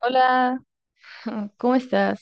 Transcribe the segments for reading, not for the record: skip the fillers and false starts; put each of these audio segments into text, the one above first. Hola, ¿cómo estás?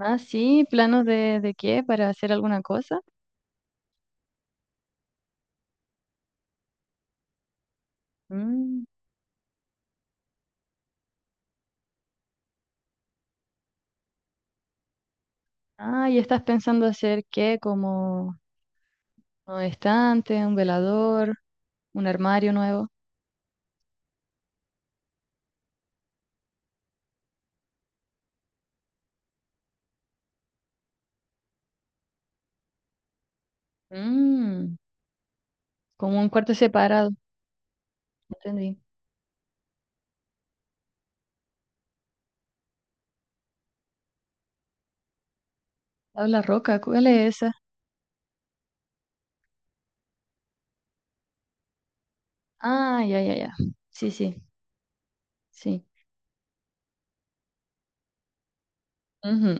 Ah, sí, ¿planos de qué? ¿Para hacer alguna cosa? Mm, ah, ¿y estás pensando hacer qué? ¿Como un estante, un velador, un armario nuevo? Mm, como un cuarto separado. Entendí. Tabla roca, ¿cuál es esa? Ah, ya, ya, ya. Sí, sí, sí. Ujú,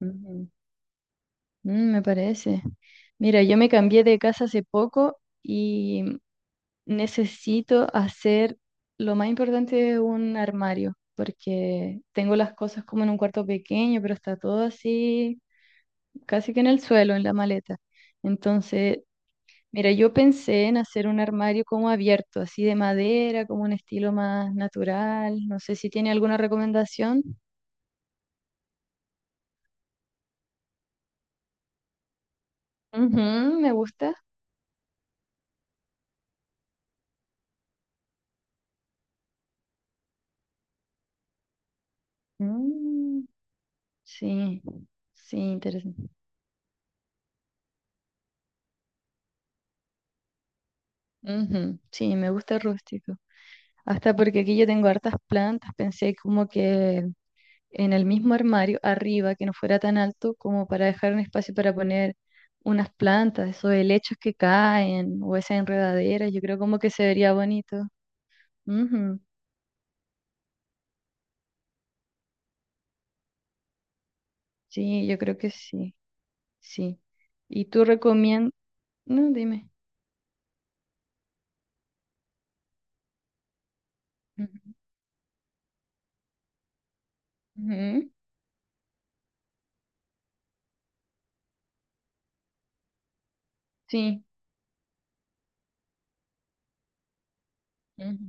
ujú. Mm, me parece. Mira, yo me cambié de casa hace poco y necesito hacer lo más importante de un armario, porque tengo las cosas como en un cuarto pequeño, pero está todo así, casi que en el suelo, en la maleta. Entonces, mira, yo pensé en hacer un armario como abierto, así de madera, como un estilo más natural. No sé si tiene alguna recomendación. Ujú, me gusta. Mm, sí, sí, interesante. Ujú, sí, me gusta rústico. Hasta porque aquí yo tengo hartas plantas, pensé como que en el mismo armario, arriba, que no fuera tan alto como para dejar un espacio para poner unas plantas, esos helechos que caen o esas enredaderas, yo creo como que se vería bonito. Ujú, sí, yo creo que sí, sí. ¿Y tú recomiendas? No, dime. Ujú, ujú. Sí. Ujú.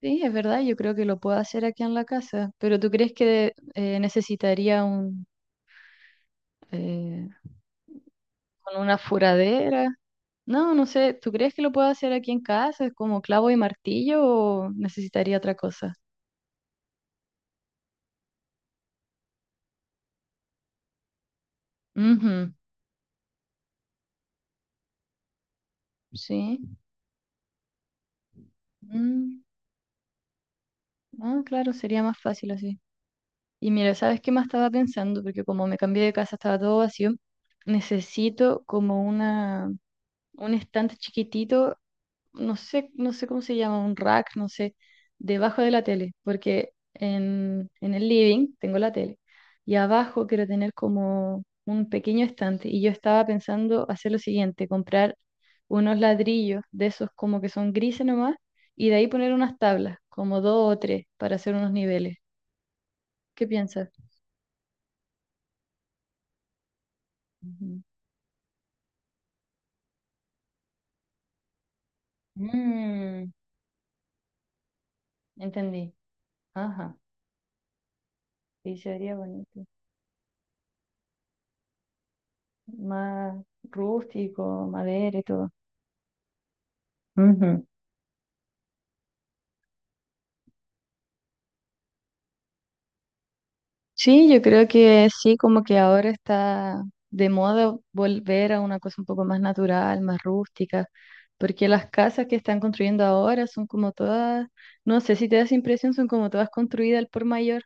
Sí, es verdad, yo creo que lo puedo hacer aquí en la casa, pero ¿tú crees que necesitaría un, eh, con una furadera? No, no sé, ¿tú crees que lo puedo hacer aquí en casa? ¿Es como clavo y martillo o necesitaría otra cosa? Ujú, sí. Mm, ah, claro, sería más fácil así. Y mira, ¿sabes qué más estaba pensando? Porque como me cambié de casa estaba todo vacío. Necesito como una, un estante chiquitito, no sé, no sé cómo se llama, un rack, no sé, debajo de la tele, porque en el living tengo la tele y abajo quiero tener como un pequeño estante y yo estaba pensando hacer lo siguiente: comprar unos ladrillos de esos como que son grises nomás y de ahí poner unas tablas, como dos o tres, para hacer unos niveles. ¿Qué piensas? Ujú. Mm, entendí. Ajá. Sí, sería bonito. Más rústico, madera y todo. Sí, yo creo que sí, como que ahora está de moda volver a una cosa un poco más natural, más rústica, porque las casas que están construyendo ahora son como todas, no sé si te da esa impresión, son como todas construidas al por mayor,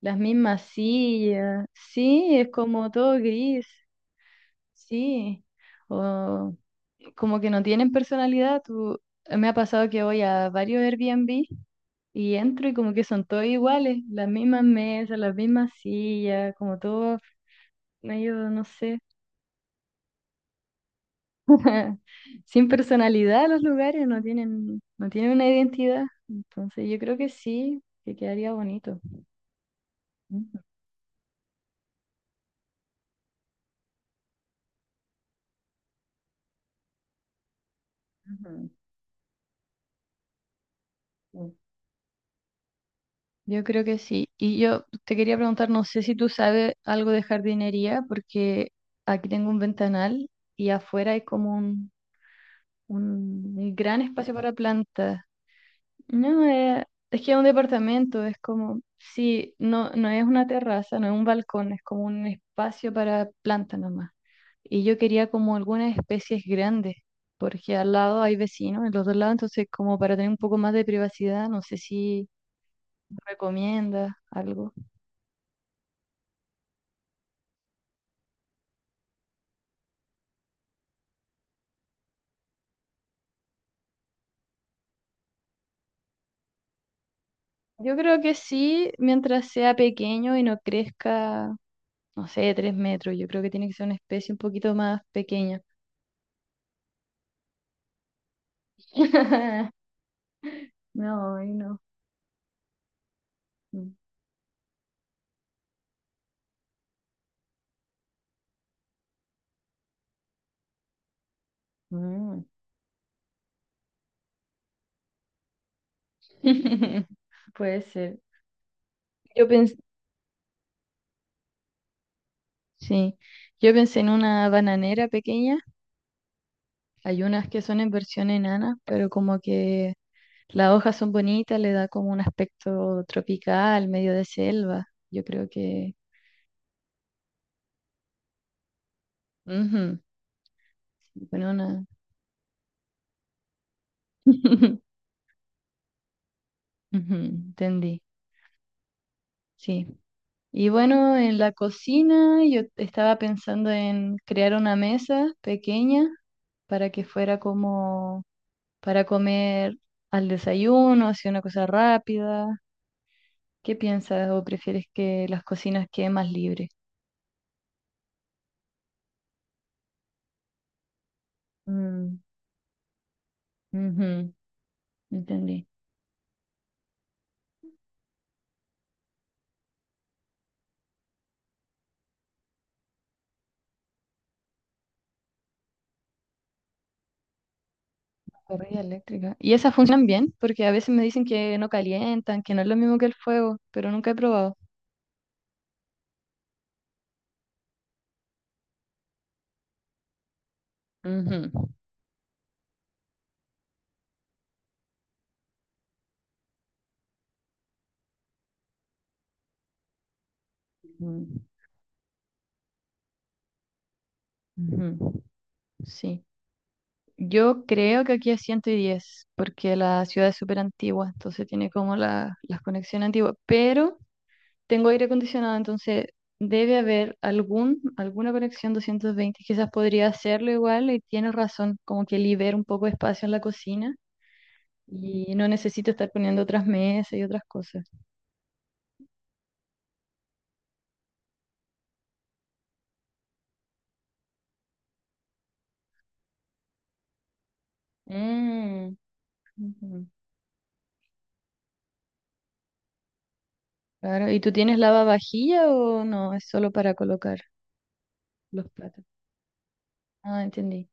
las mismas sillas, sí, es como todo gris, sí, o como que no tienen personalidad. Tú, me ha pasado que voy a varios Airbnb y entro y como que son todos iguales, las mismas mesas, las mismas sillas, como todo no, yo no sé. Sin personalidad, los lugares no tienen, no tienen una identidad. Entonces yo creo que sí, que quedaría bonito. Ujú, ujú. Sí. Yo creo que sí. Y yo te quería preguntar, no sé si tú sabes algo de jardinería, porque aquí tengo un ventanal y afuera hay como un gran espacio para plantas. No, es que es un departamento, es como, sí, no, no es una terraza, no es un balcón, es como un espacio para planta nomás. Y yo quería como algunas especies grandes, porque al lado hay vecinos, en los dos lados, entonces como para tener un poco más de privacidad, no sé si recomienda algo. Yo creo que sí, mientras sea pequeño y no crezca, no sé, 3 metros, yo creo que tiene que ser una especie un poquito más pequeña. No, ay, no. Mm. Puede ser. Yo pensé, sí, yo pensé en una bananera pequeña. Hay unas que son en versión enana, pero como que las hojas son bonitas, le da como un aspecto tropical, medio de selva. Yo creo que, ujú, sí, bueno, una, ujú, entendí, sí. Y bueno, en la cocina yo estaba pensando en crear una mesa pequeña para que fuera como para comer al desayuno, así una cosa rápida. ¿Qué piensas o prefieres que las cocinas queden más libres? Mm, ujú, entendí. Parrilla eléctrica. Y esas funcionan bien, porque a veces me dicen que no calientan, que no es lo mismo que el fuego, pero nunca he probado. Ujú, ujú, ujú. Sí. Yo creo que aquí es 110, porque la ciudad es súper antigua, entonces tiene como la, las conexiones antiguas, pero tengo aire acondicionado, entonces debe haber algún, alguna conexión 220. Quizás podría hacerlo igual y tienes razón, como que libera un poco de espacio en la cocina y no necesito estar poniendo otras mesas y otras cosas. Mm, ujú, claro. ¿Y tú tienes lavavajilla o no? Es solo para colocar los platos. Ah, entendí.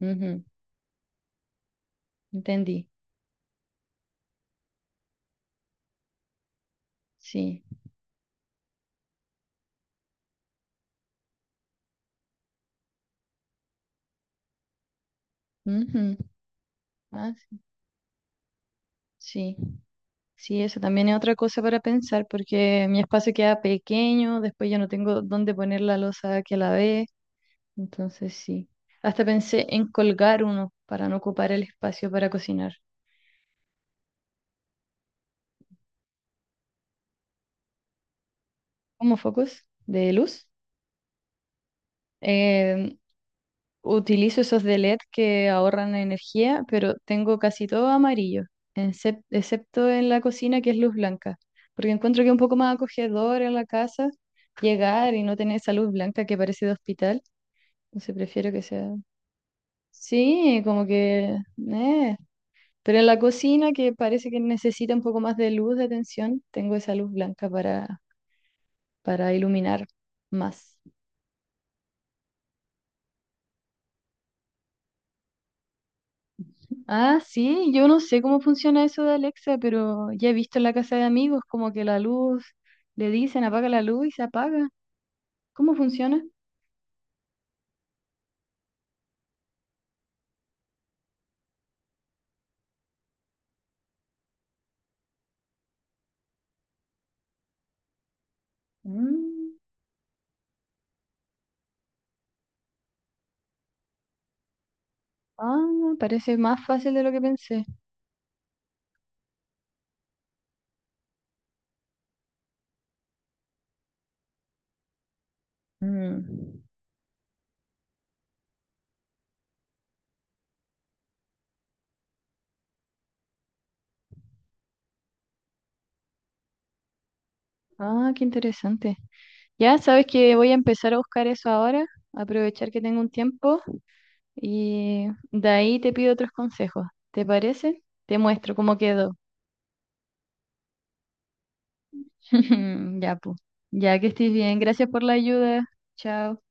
Ujú, entendí. Sí. Ujú. Ah, sí. Sí. Sí, eso también es otra cosa para pensar, porque mi espacio queda pequeño, después ya no tengo dónde poner la losa que la ve, entonces sí. Hasta pensé en colgar uno para no ocupar el espacio para cocinar. Como focos de luz, eh, utilizo esos de LED que ahorran energía, pero tengo casi todo amarillo, excepto en la cocina que es luz blanca, porque encuentro que es un poco más acogedor en la casa llegar y no tener esa luz blanca que parece de hospital. Entonces prefiero que sea... Sí, como que... eh. Pero en la cocina, que parece que necesita un poco más de luz, de atención, tengo esa luz blanca para iluminar más. Ah, sí, yo no sé cómo funciona eso de Alexa, pero ya he visto en la casa de amigos como que la luz, le dicen apaga la luz y se apaga. ¿Cómo funciona? Mm, ah, parece más fácil de lo que pensé. Mm, ah, qué interesante. Ya sabes que voy a empezar a buscar eso ahora, aprovechar que tengo un tiempo. Y de ahí te pido otros consejos. ¿Te parece? Te muestro cómo quedó. Ya, pues. Ya, que estés bien. Gracias por la ayuda. Chao.